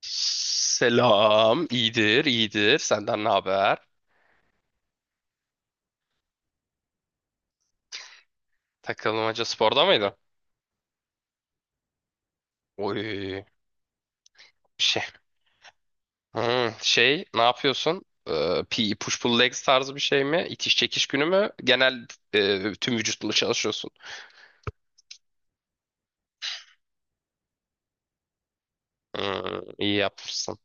Selam. İyidir, iyidir. Senden ne haber? Takılmaca sporda mıydın? Oy. Şey. Ne yapıyorsun? PE push pull legs tarzı bir şey mi? İtiş çekiş günü mü? Genel, tüm vücutla çalışıyorsun. İyi yapmışsın.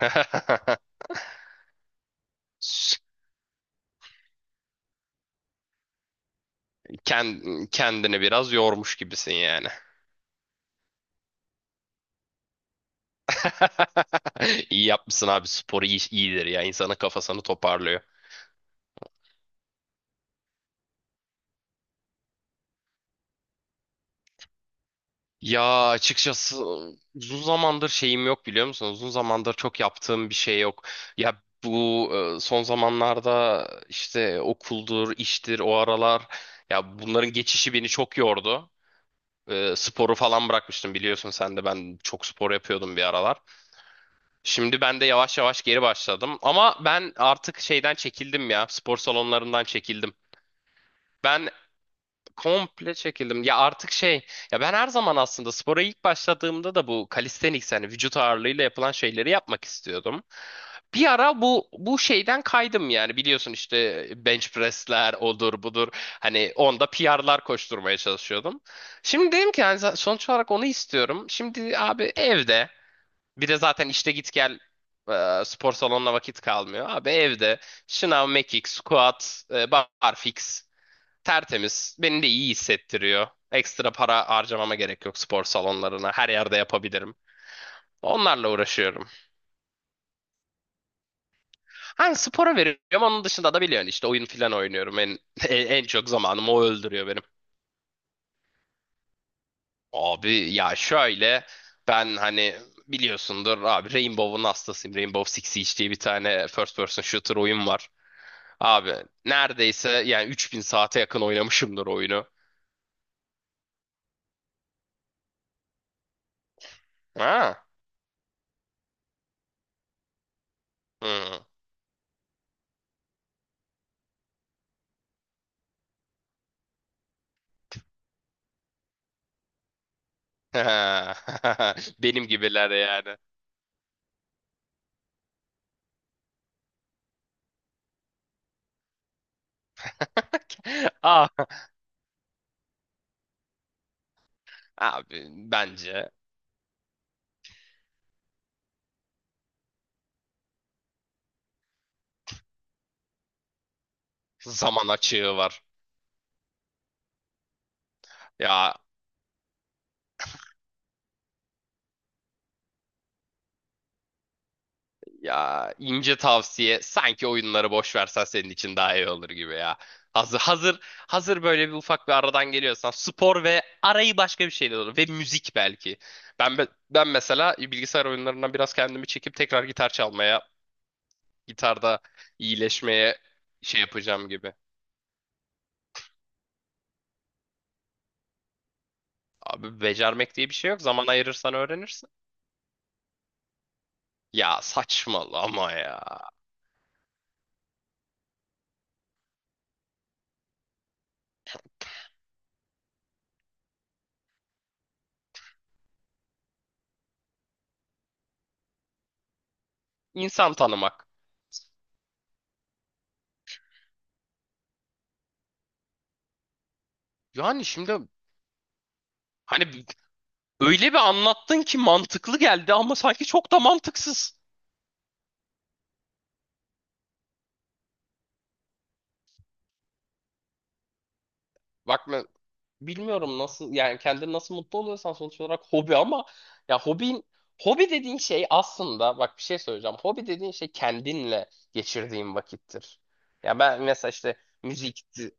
Kendini biraz yormuş gibisin yani. İyi yapmışsın abi. Spor iyi, iyidir ya. İnsanın kafasını toparlıyor. Ya açıkçası uzun zamandır şeyim yok, biliyor musun? Uzun zamandır çok yaptığım bir şey yok. Ya bu, son zamanlarda işte okuldur, iştir, o aralar ya bunların geçişi beni çok yordu. Sporu falan bırakmıştım, biliyorsun sen de, ben çok spor yapıyordum bir aralar. Şimdi ben de yavaş yavaş geri başladım, ama ben artık şeyden çekildim, ya spor salonlarından çekildim. Ben komple çekildim. Ya artık ya ben her zaman aslında spora ilk başladığımda da bu calisthenics yani vücut ağırlığıyla yapılan şeyleri yapmak istiyordum. Bir ara bu şeyden kaydım, yani biliyorsun işte bench press'ler odur budur. Hani onda PR'lar koşturmaya çalışıyordum. Şimdi dedim ki yani sonuç olarak onu istiyorum. Şimdi abi evde bir de zaten işte git gel, spor salonuna vakit kalmıyor. Abi evde şınav, mekik, squat, barfix. Tertemiz. Beni de iyi hissettiriyor. Ekstra para harcamama gerek yok spor salonlarına. Her yerde yapabilirim. Onlarla uğraşıyorum. Hani spora veriyorum. Onun dışında da biliyorsun işte oyun falan oynuyorum. En çok zamanımı o öldürüyor benim. Abi ya şöyle ben hani biliyorsundur abi Rainbow'un hastasıyım. Rainbow Six Siege diye bir tane first person shooter oyun var. Abi neredeyse yani 3000 saate yakın oynamışımdır oyunu. Ha? Hı. Benim gibiler yani. Ah, abi bence zaman açığı var. Ya ya ince tavsiye, sanki oyunları boş versen senin için daha iyi olur gibi ya. Hazır hazır hazır böyle bir ufak bir aradan geliyorsan spor ve arayı başka bir şeyle olur ve müzik belki. Ben mesela bilgisayar oyunlarından biraz kendimi çekip tekrar gitar çalmaya, gitarda iyileşmeye şey yapacağım gibi. Abi becermek diye bir şey yok. Zaman ayırırsan öğrenirsin. Ya saçmalama ya. İnsan tanımak. Yani şimdi hani öyle bir anlattın ki mantıklı geldi, ama sanki çok da mantıksız. Bak ben bilmiyorum nasıl, yani kendini nasıl mutlu oluyorsan sonuç olarak hobi, ama ya hobin hobi dediğin şey, aslında bak bir şey söyleyeceğim. Hobi dediğin şey kendinle geçirdiğin vakittir. Ya ben mesela işte müzikti.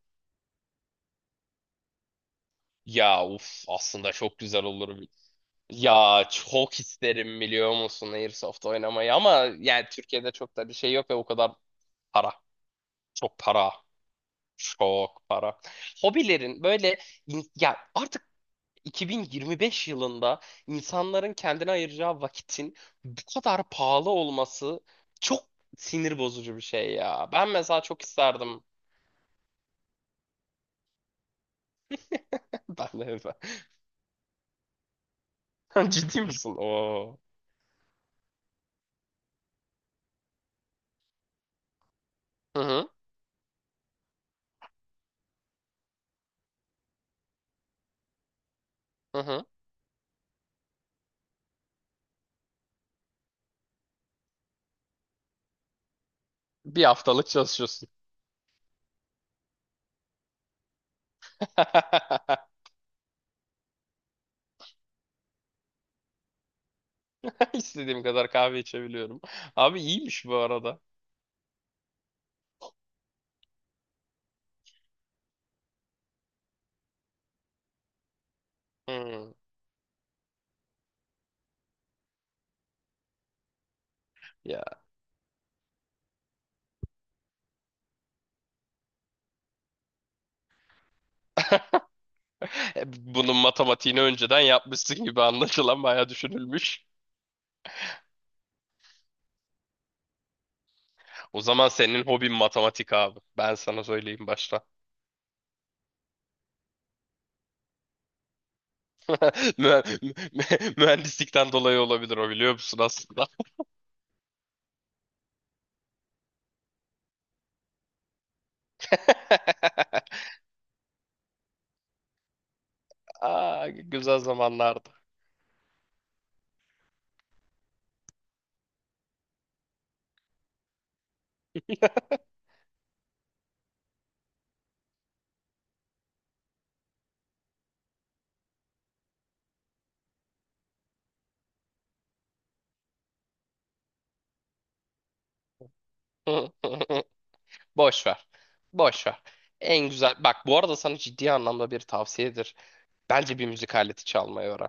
Ya uf, aslında çok güzel olur. Ya çok isterim, biliyor musun Airsoft oynamayı, ama yani Türkiye'de çok da bir şey yok ve o kadar para. Çok para. Çok para. Hobilerin böyle ya artık 2025 yılında insanların kendine ayıracağı vakitin bu kadar pahalı olması çok sinir bozucu bir şey ya. Ben mesela çok isterdim. Ben de ben. Ciddi misin? Oo. Hı hı. Hı hı. Bir haftalık çalışıyorsun. İstediğim kadar kahve içebiliyorum. Abi iyiymiş bu arada. Hmm. Ya. Bunun matematiğini önceden yapmışsın gibi, anlaşılan bayağı düşünülmüş. O zaman senin hobin matematik abi. Ben sana söyleyeyim baştan. Mühe- Mühendislikten dolayı olabilir o, biliyor musun aslında? Aa, güzel zamanlardı. Boş ver. Boş ver. En güzel. Bak bu arada sana ciddi anlamda bir tavsiyedir. Bence bir müzik aleti çalmayı öğren.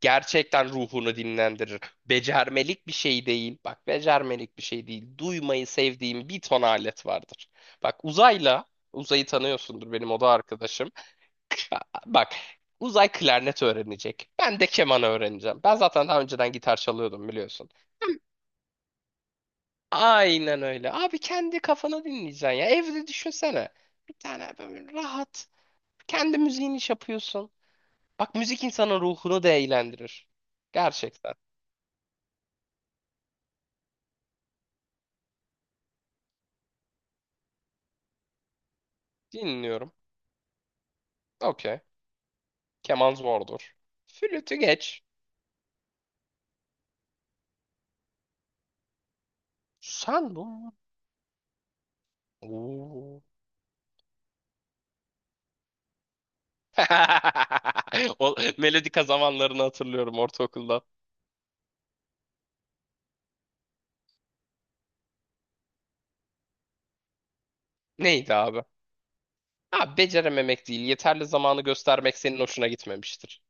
Gerçekten ruhunu dinlendirir. Becermelik bir şey değil. Bak becermelik bir şey değil. Duymayı sevdiğim bir ton alet vardır. Bak uzayla, uzayı tanıyorsundur, benim oda arkadaşım. Bak uzay klarnet öğrenecek. Ben de keman öğreneceğim. Ben zaten daha önceden gitar çalıyordum, biliyorsun. Aynen öyle. Abi kendi kafana dinleyeceksin ya. Evde düşünsene. Bir tane böyle rahat. Kendi müziğini iş yapıyorsun. Bak müzik insanın ruhunu da eğlendirir. Gerçekten. Dinliyorum. Okey. Keman zordur. Flütü geç. Sandun. Oo. O melodika zamanlarını hatırlıyorum ortaokulda. Neydi abi? Abi becerememek değil. Yeterli zamanı göstermek senin hoşuna gitmemiştir.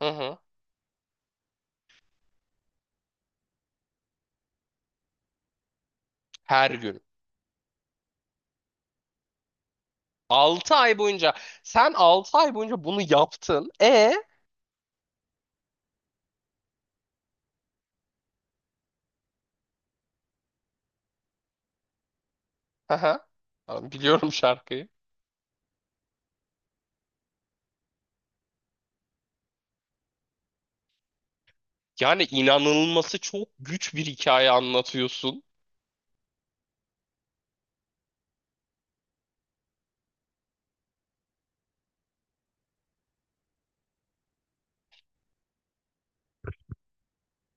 Hı hı. Her gün. 6 ay boyunca. Sen 6 ay boyunca bunu yaptın. E? Hı hı. Abi biliyorum şarkıyı. Yani inanılması çok güç bir hikaye anlatıyorsun.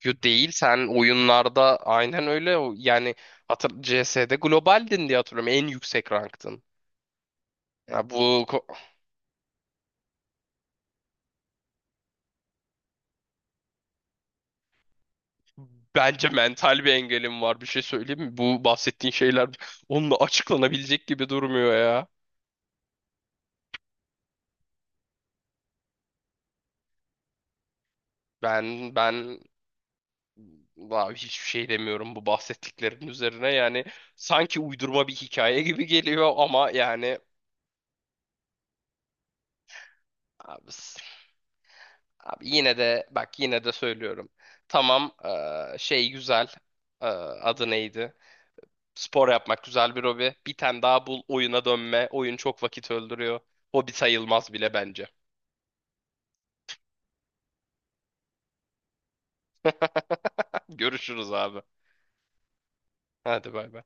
Yo değil, sen oyunlarda aynen öyle yani CS'de globaldin diye hatırlıyorum, en yüksek ranktın. Ya bu ko- Bence mental bir engelim var, bir şey söyleyeyim mi? Bu bahsettiğin şeyler onunla açıklanabilecek gibi durmuyor ya. Ben abi hiçbir şey demiyorum bu bahsettiklerin üzerine, yani sanki uydurma bir hikaye gibi geliyor ama yani abi, abi yine de bak, yine de söylüyorum. Tamam, güzel eee, adı neydi? Spor yapmak güzel bir hobi. Bir tane daha bul, oyuna dönme. Oyun çok vakit öldürüyor. Hobi sayılmaz bile bence. Görüşürüz abi. Hadi bay bay.